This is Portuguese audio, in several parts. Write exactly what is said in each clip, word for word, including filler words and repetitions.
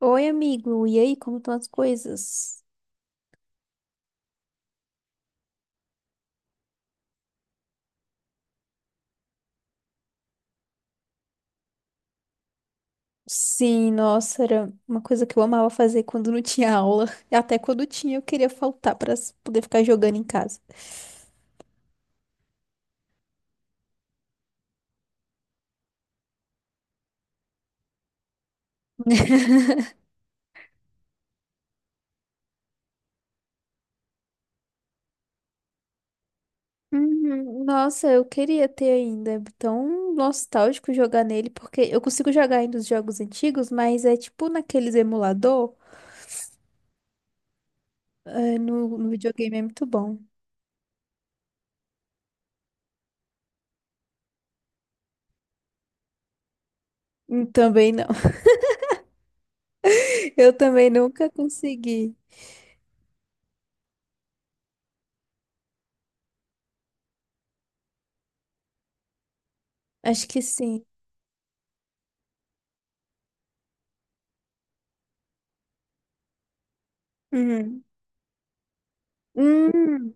Oi, amigo. E aí, como estão as coisas? Sim, nossa, era uma coisa que eu amava fazer quando não tinha aula. E até quando tinha, eu queria faltar para poder ficar jogando em casa. Uhum, nossa, eu queria ter ainda. É tão nostálgico jogar nele, porque eu consigo jogar ainda os jogos antigos, mas é tipo naqueles emulador, é, no, no videogame é muito bom. Hum, Também não. Eu também nunca consegui. Acho que sim. Uhum. Hum.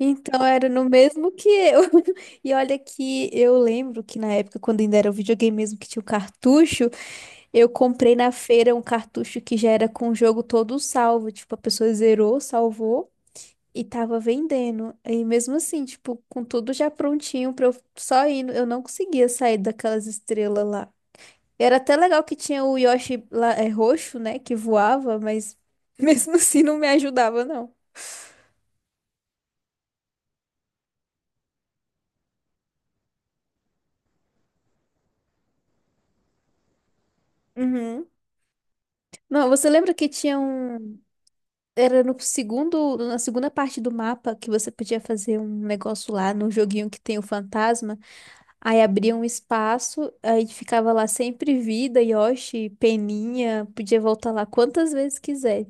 Então era no mesmo que eu. E olha que eu lembro que na época, quando ainda era o videogame mesmo que tinha o cartucho, eu comprei na feira um cartucho que já era com o jogo todo salvo. Tipo, a pessoa zerou, salvou e tava vendendo. E mesmo assim, tipo, com tudo já prontinho pra eu só ir, eu não conseguia sair daquelas estrelas lá. Era até legal que tinha o Yoshi lá, é, roxo, né, que voava, mas mesmo assim não me ajudava, não. Uhum. Não, você lembra que tinha um. Era no segundo, na segunda parte do mapa que você podia fazer um negócio lá no joguinho que tem o fantasma. Aí abria um espaço, aí ficava lá sempre vida, Yoshi, Peninha, podia voltar lá quantas vezes quiser.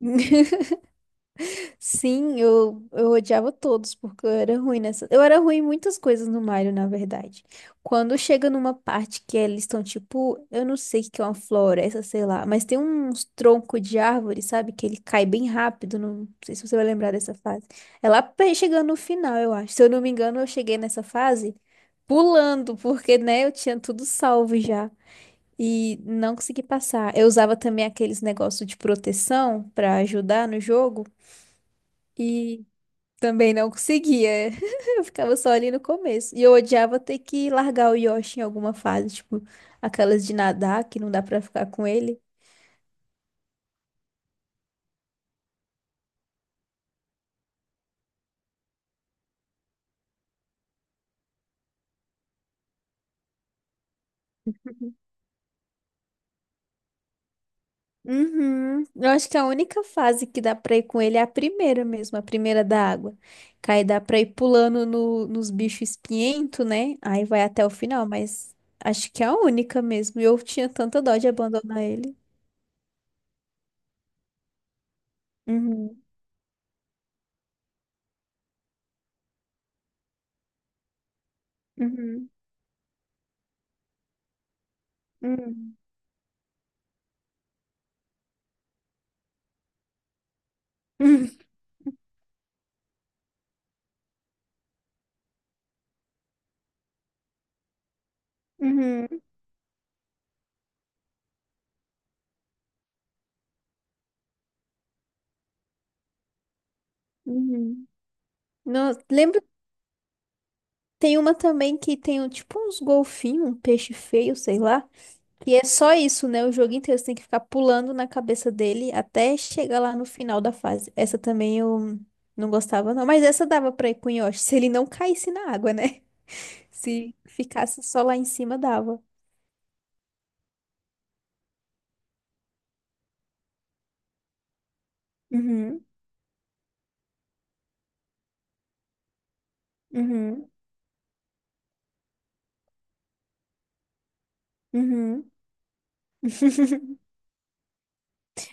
Sim, eu, eu odiava todos, porque eu era ruim nessa. Eu era ruim em muitas coisas no Mario, na verdade. Quando chega numa parte que eles estão, tipo, eu não sei o que que é uma floresta, sei lá, mas tem uns troncos de árvore, sabe? Que ele cai bem rápido. Não sei se você vai lembrar dessa fase. É lá pe- chegando no final, eu acho. Se eu não me engano, eu cheguei nessa fase pulando, porque, né, eu tinha tudo salvo já. E não consegui passar. Eu usava também aqueles negócios de proteção pra ajudar no jogo. E também não conseguia. Eu ficava só ali no começo. E eu odiava ter que largar o Yoshi em alguma fase, tipo, aquelas de nadar que não dá pra ficar com ele. Uhum. Eu acho que a única fase que dá pra ir com ele é a primeira mesmo, a primeira da água. Que aí dá pra ir pulando no- nos bichos espinhentos, né? Aí vai até o final, mas acho que é a única mesmo. E eu tinha tanta dó de abandonar ele. Uhum. Uhum. Uhum. Uhum. Uhum. Uhum. Não, tem uma também que tem um- tipo uns golfinhos, um peixe feio, sei lá. E é só isso, né? O jogo inteiro você tem que ficar pulando na cabeça dele até chegar lá no final da fase. Essa também eu não gostava, não. Mas essa dava pra ir com o Yoshi, se ele não caísse na água, né? Se ficasse só lá em cima, dava. Uhum, uhum, uhum.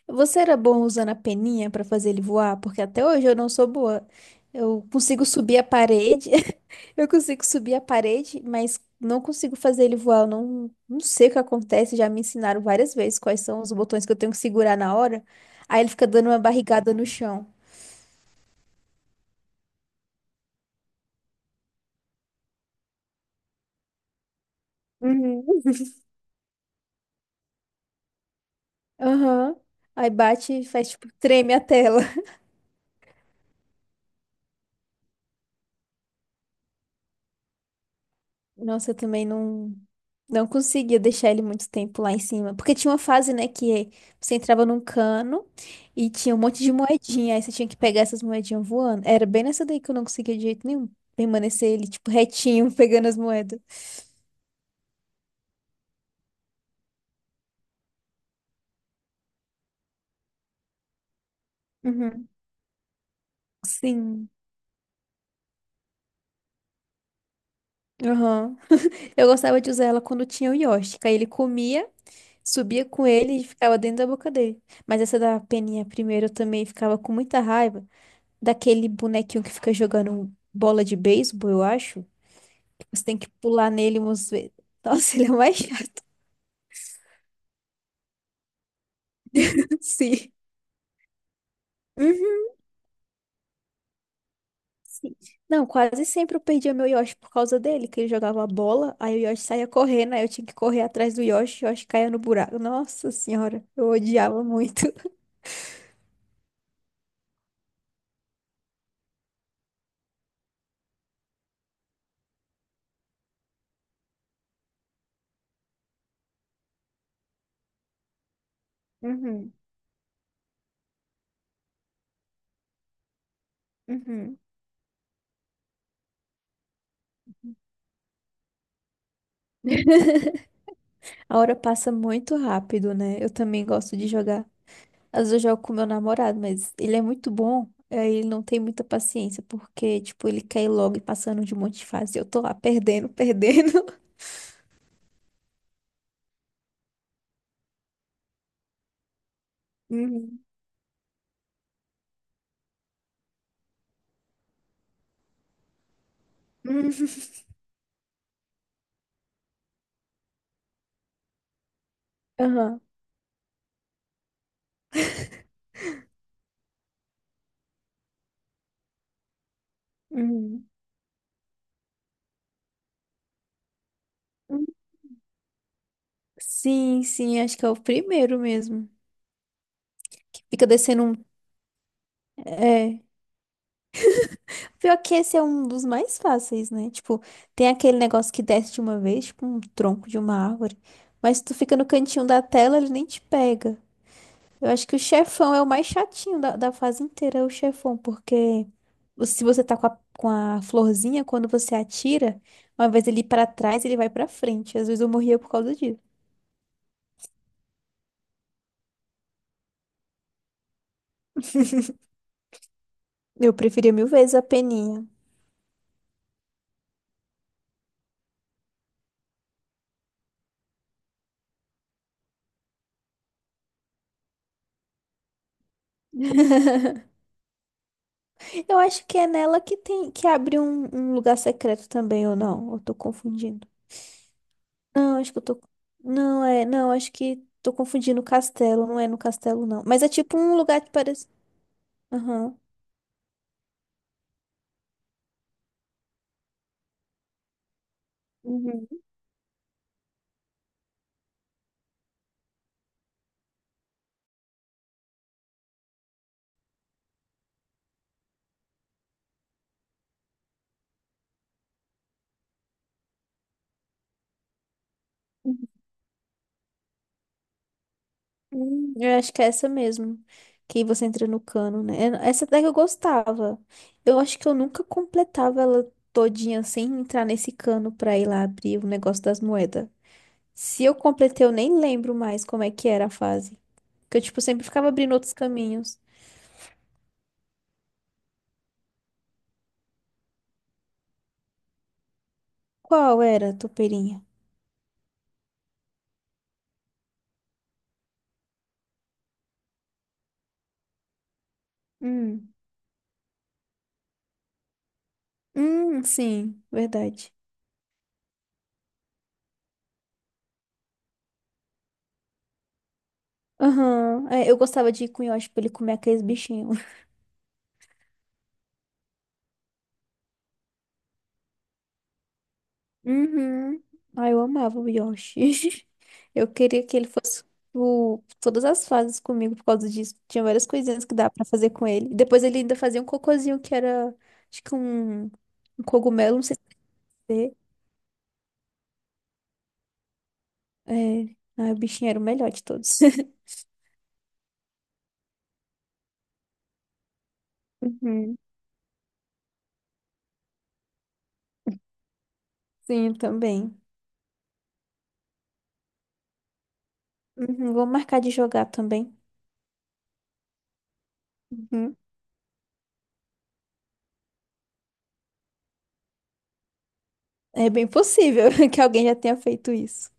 Você era bom usando a peninha pra fazer ele voar? Porque até hoje eu não sou boa. Eu consigo subir a parede, eu consigo subir a parede, mas não consigo fazer ele voar. Eu não, não sei o que acontece. Já me ensinaram várias vezes quais são os botões que eu tenho que segurar na hora. Aí ele fica dando uma barrigada no chão. Uhum. Aham. Aí bate e faz tipo, treme a tela. Nossa, eu também não, não conseguia deixar ele muito tempo lá em cima. Porque tinha uma fase, né, que você entrava num cano e tinha um monte de moedinha. Aí você tinha que pegar essas moedinhas voando. Era bem nessa daí que eu não conseguia de jeito nenhum permanecer ele, tipo, retinho, pegando as moedas. Uhum. Sim. Aham. Eu gostava de usar ela quando tinha o Yoshi. Que Aí ele comia, subia com ele e ficava dentro da boca dele. Mas essa da peninha primeiro eu também ficava com muita raiva. Daquele bonequinho que fica jogando bola de beisebol, eu acho. Você tem que pular nele umas vezes. Nossa, ele é o mais chato, sim. Uhum, sim. Não, quase sempre eu perdia meu Yoshi por causa dele, que ele jogava a bola, aí o Yoshi saía correndo, aí eu tinha que correr atrás do Yoshi, o Yoshi caía no buraco. Nossa senhora, eu odiava muito. Uhum, uhum. A hora passa muito rápido, né? Eu também gosto de jogar. Às vezes eu jogo com meu namorado, mas ele é muito bom. Aí ele não tem muita paciência, porque, tipo, ele quer ir logo e passando de um monte de fase. Eu tô lá perdendo, perdendo. Uhum. Uhum. Aham. Uhum. Uhum. Sim, sim, acho que é o primeiro mesmo. Que fica descendo um. É. Pior que esse é um dos mais fáceis, né? Tipo, tem aquele negócio que desce de uma vez, tipo um tronco de uma árvore. Mas tu fica no cantinho da tela, ele nem te pega. Eu acho que o chefão é o mais chatinho da, da fase inteira, é o chefão, porque se você tá com a, com a florzinha, quando você atira, uma vez ele ir pra trás, ele vai pra frente. Às vezes eu morria por causa disso. Eu preferia mil vezes a peninha. Eu acho que é nela que tem que abre um, um lugar secreto também, ou não? Eu tô confundindo. Não, acho que eu tô. Não, é. Não, acho que tô confundindo o castelo. Não é no castelo, não. Mas é tipo um lugar que parece. Aham. Uhum. Hum, eu acho que é essa mesmo. Que você entra no cano, né? Era- Essa até que eu gostava. Eu acho que eu nunca completava ela todinha sem entrar nesse cano pra ir lá abrir o negócio das moedas. Se eu completei, eu nem lembro mais como é que era a fase. Porque eu, tipo, sempre ficava abrindo outros caminhos. Qual era a topeirinha? Hum. Hum, sim, verdade. Aham. É, eu gostava de ir com o Yoshi pra ele comer aqueles bichinhos. Uhum. Ai, eu amava o Yoshi. Eu queria que ele fosse o... todas as fases comigo por causa disso. Tinha várias coisinhas que dá pra fazer com ele. E Depois ele ainda fazia um cocôzinho que era, acho que um, um cogumelo, não sei se é. É. Ai, o bichinho era o melhor de todos. Uhum. Sim, também. Uhum. Vou marcar de jogar também. Uhum. É bem possível que alguém já tenha feito isso.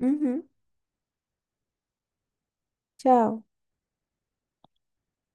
Uhum. Tchau.